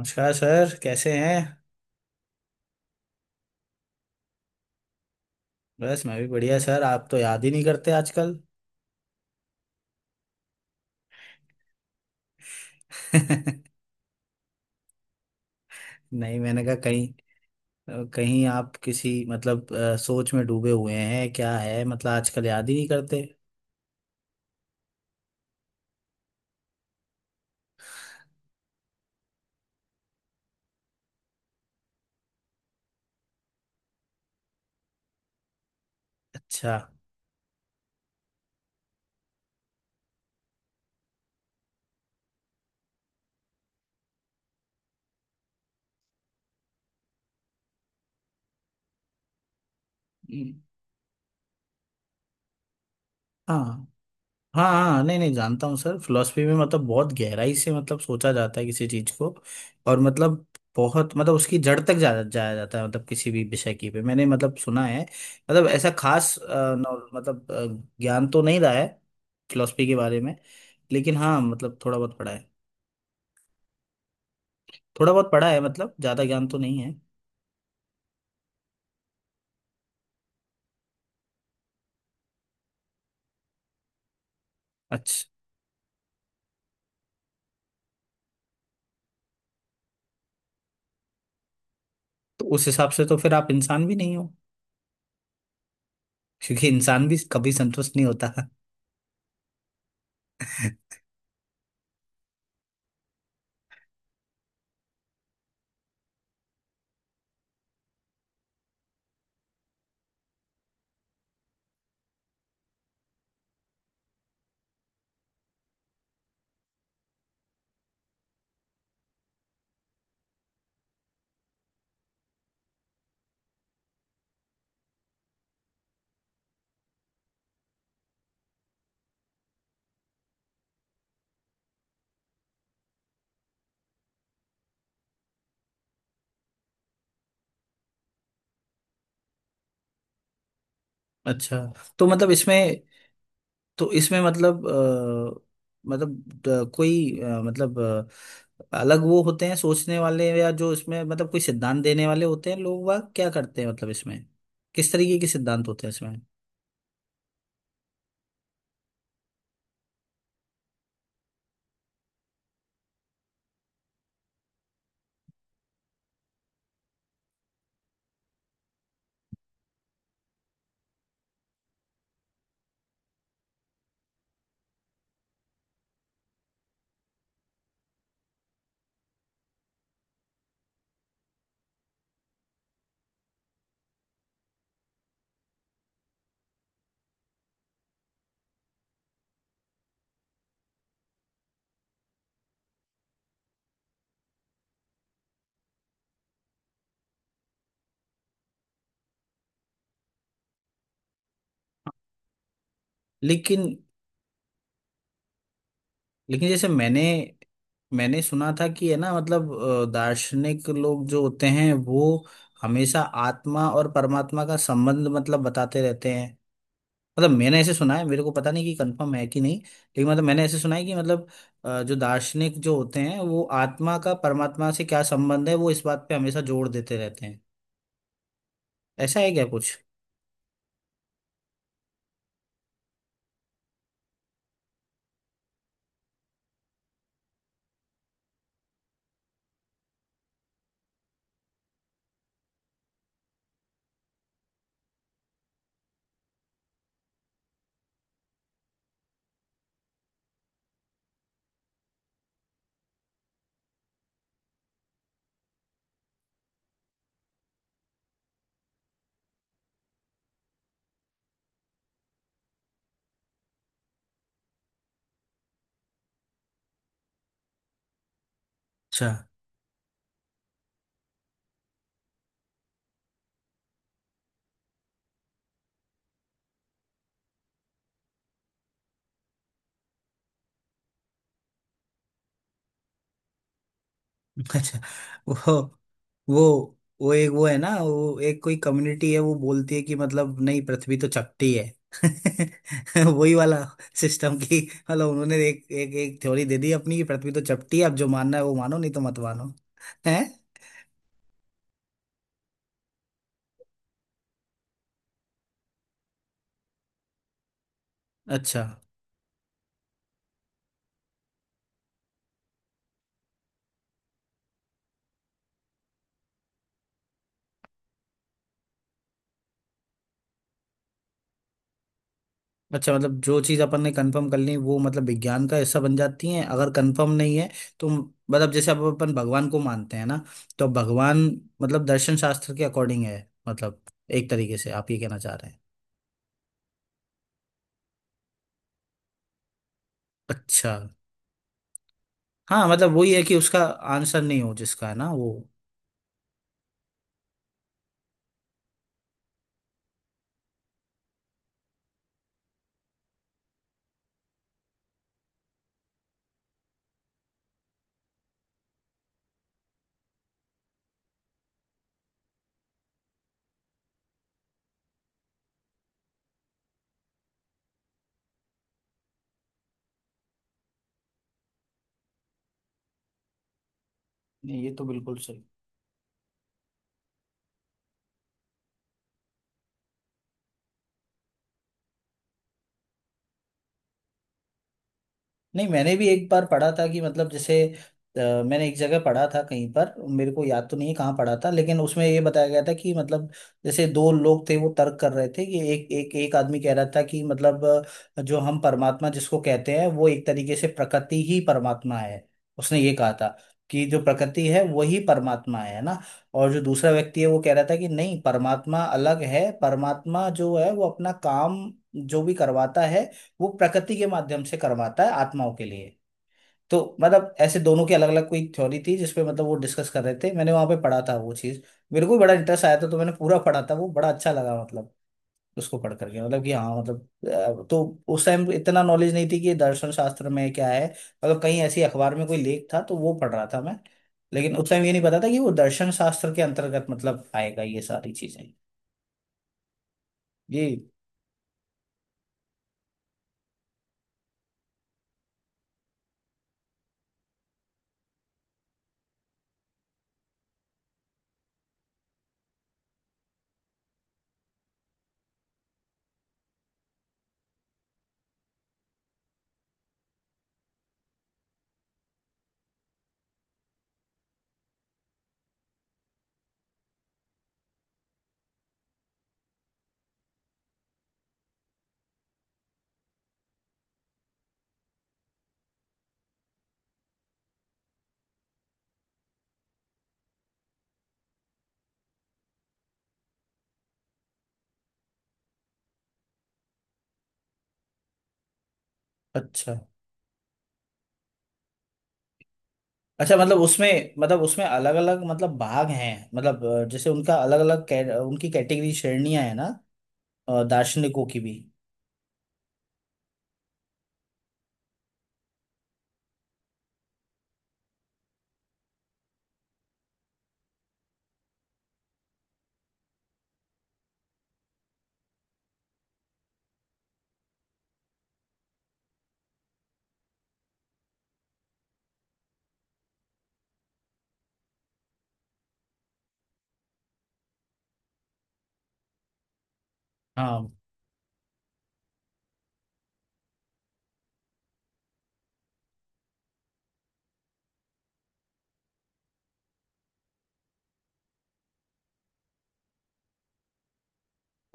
नमस्कार सर, कैसे हैं। बस, मैं भी बढ़िया। सर आप तो याद ही नहीं करते आजकल। नहीं, मैंने कहा कहीं कहीं आप किसी, मतलब, सोच में डूबे हुए हैं, क्या है मतलब, आजकल याद ही नहीं करते। अच्छा। हम्म, हाँ। हाँ हाँ, नहीं नहीं, जानता हूँ सर। फिलोसफी में मतलब बहुत गहराई से मतलब सोचा जाता है किसी चीज को। और मतलब बहुत मतलब उसकी जड़ तक जाया जाता है, मतलब किसी भी विषय की पे। मैंने मतलब सुना है, मतलब ऐसा खास ज्ञान तो नहीं रहा है फिलोसफी के बारे में। लेकिन हाँ, मतलब थोड़ा बहुत पढ़ा है। थोड़ा बहुत पढ़ा है, मतलब ज्यादा ज्ञान तो नहीं है। अच्छा। तो उस हिसाब से तो फिर आप इंसान भी नहीं हो, क्योंकि इंसान भी कभी संतुष्ट नहीं होता। अच्छा। तो मतलब इसमें, तो इसमें मतलब अ, कोई अ, मतलब अ, अलग वो होते हैं सोचने वाले, या जो इसमें मतलब कोई सिद्धांत देने वाले होते हैं, लोग वाग क्या करते हैं मतलब इसमें। किस तरीके के सिद्धांत होते हैं इसमें। लेकिन लेकिन जैसे मैंने मैंने सुना था कि, है ना मतलब, दार्शनिक लोग जो होते हैं वो हमेशा आत्मा और परमात्मा का संबंध मतलब बताते रहते हैं। मतलब मैंने ऐसे सुना है, मेरे को पता नहीं कि कंफर्म है कि नहीं, लेकिन मतलब मैंने ऐसे सुना है कि मतलब जो दार्शनिक जो होते हैं वो आत्मा का परमात्मा से क्या संबंध है, वो इस बात पे हमेशा जोड़ देते रहते हैं। ऐसा है क्या कुछ। अच्छा। अच्छा। वो वो एक, वो है ना, वो एक कोई कम्युनिटी है, वो बोलती है कि मतलब नहीं, पृथ्वी तो चपटी है। वही वाला सिस्टम की। मतलब उन्होंने एक एक एक थ्योरी दे दी अपनी कि पृथ्वी तो चपटी है, अब जो मानना है वो मानो, नहीं तो मत मानो, है। अच्छा। अच्छा मतलब जो चीज अपन ने कंफर्म कर ली वो मतलब विज्ञान का हिस्सा बन जाती है, अगर कंफर्म नहीं है तो। मतलब जैसे अब अपन भगवान को मानते हैं ना, तो भगवान मतलब दर्शन शास्त्र के अकॉर्डिंग है, मतलब एक तरीके से आप ये कहना चाह रहे हैं। अच्छा। हाँ मतलब वही है कि उसका आंसर नहीं हो जिसका, है ना, वो। नहीं ये तो बिल्कुल सही। नहीं मैंने भी एक बार पढ़ा था कि, मतलब जैसे अ, मैंने एक जगह पढ़ा था, कहीं पर मेरे को याद तो नहीं है कहाँ पढ़ा था, लेकिन उसमें ये बताया गया था कि मतलब, जैसे दो लोग थे, वो तर्क कर रहे थे, कि एक एक एक आदमी कह रहा था कि मतलब जो हम परमात्मा जिसको कहते हैं, वो एक तरीके से प्रकृति ही परमात्मा है। उसने ये कहा था कि जो प्रकृति है वही परमात्मा है ना। और जो दूसरा व्यक्ति है वो कह रहा था कि नहीं, परमात्मा अलग है, परमात्मा जो है वो अपना काम जो भी करवाता है, वो प्रकृति के माध्यम से करवाता है आत्माओं के लिए। तो मतलब ऐसे दोनों की अलग अलग कोई थ्योरी थी जिसपे मतलब वो डिस्कस कर रहे थे। मैंने वहां पे पढ़ा था वो चीज। मेरे को भी बड़ा इंटरेस्ट आया था, तो मैंने पूरा पढ़ा था। वो बड़ा अच्छा लगा, मतलब उसको पढ़ करके, मतलब कि हाँ मतलब। तो उस टाइम इतना नॉलेज नहीं थी कि दर्शन शास्त्र में क्या है। मतलब कहीं ऐसी अखबार में कोई लेख था तो वो पढ़ रहा था मैं। लेकिन उस टाइम ये नहीं पता था कि वो दर्शन शास्त्र के अंतर्गत मतलब आएगा, ये सारी चीजें। ये अच्छा। अच्छा मतलब उसमें, मतलब उसमें अलग अलग मतलब भाग हैं, मतलब जैसे उनका अलग अलग, उनकी कैटेगरी श्रेणियां है ना, दार्शनिकों की भी। हाँ,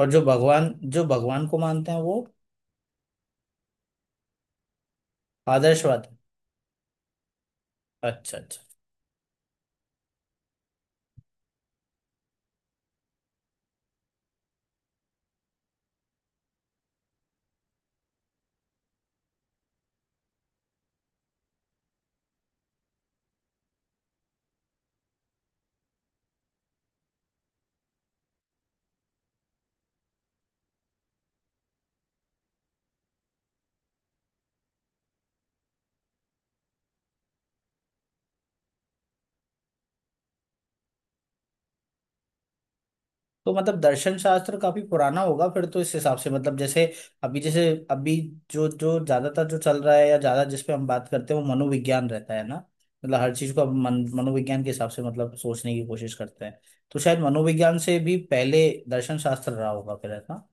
और जो भगवान, जो भगवान को मानते हैं वो आदर्शवाद है। अच्छा अच्छा। तो मतलब दर्शन शास्त्र काफी पुराना होगा फिर तो, इस हिसाब से मतलब जैसे अभी, जैसे अभी जो जो ज्यादातर जो चल रहा है, या ज्यादा जिस पे हम बात करते हैं वो मनोविज्ञान रहता है ना। मतलब हर चीज को अब मन, मनोविज्ञान के हिसाब से मतलब सोचने की कोशिश करते हैं। तो शायद मनोविज्ञान से भी पहले दर्शन शास्त्र रहा होगा फिर, है ना।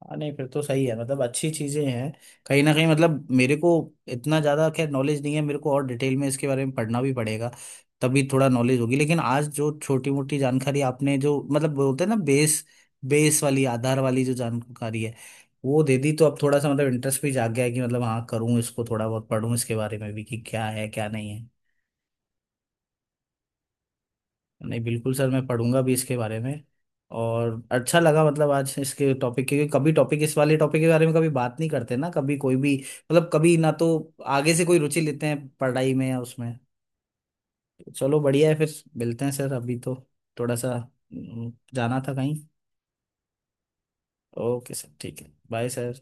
हाँ नहीं फिर तो सही है मतलब, अच्छी चीजें हैं। कहीं ना कहीं मतलब मेरे को इतना ज्यादा खैर नॉलेज नहीं है, मेरे को और डिटेल में इसके बारे में पढ़ना भी पड़ेगा, तभी थोड़ा नॉलेज होगी। लेकिन आज जो छोटी मोटी जानकारी आपने जो मतलब, बोलते हैं ना, बेस, वाली आधार वाली जो जानकारी है वो दे दी, तो अब थोड़ा सा मतलब इंटरेस्ट भी जाग गया है कि मतलब हाँ, करूँ इसको, थोड़ा बहुत पढ़ूँ इसके बारे में भी, कि क्या है क्या नहीं है। नहीं बिल्कुल सर, मैं पढ़ूंगा भी इसके बारे में। और अच्छा लगा मतलब आज इसके टॉपिक, क्योंकि कभी टॉपिक, इस वाले टॉपिक के बारे में कभी बात नहीं करते ना, कभी कोई भी मतलब कभी ना तो आगे से कोई रुचि लेते हैं पढ़ाई में या उसमें। चलो बढ़िया है फिर। मिलते हैं सर, अभी तो थोड़ा सा जाना था कहीं। ओके सर, ठीक है, बाय सर।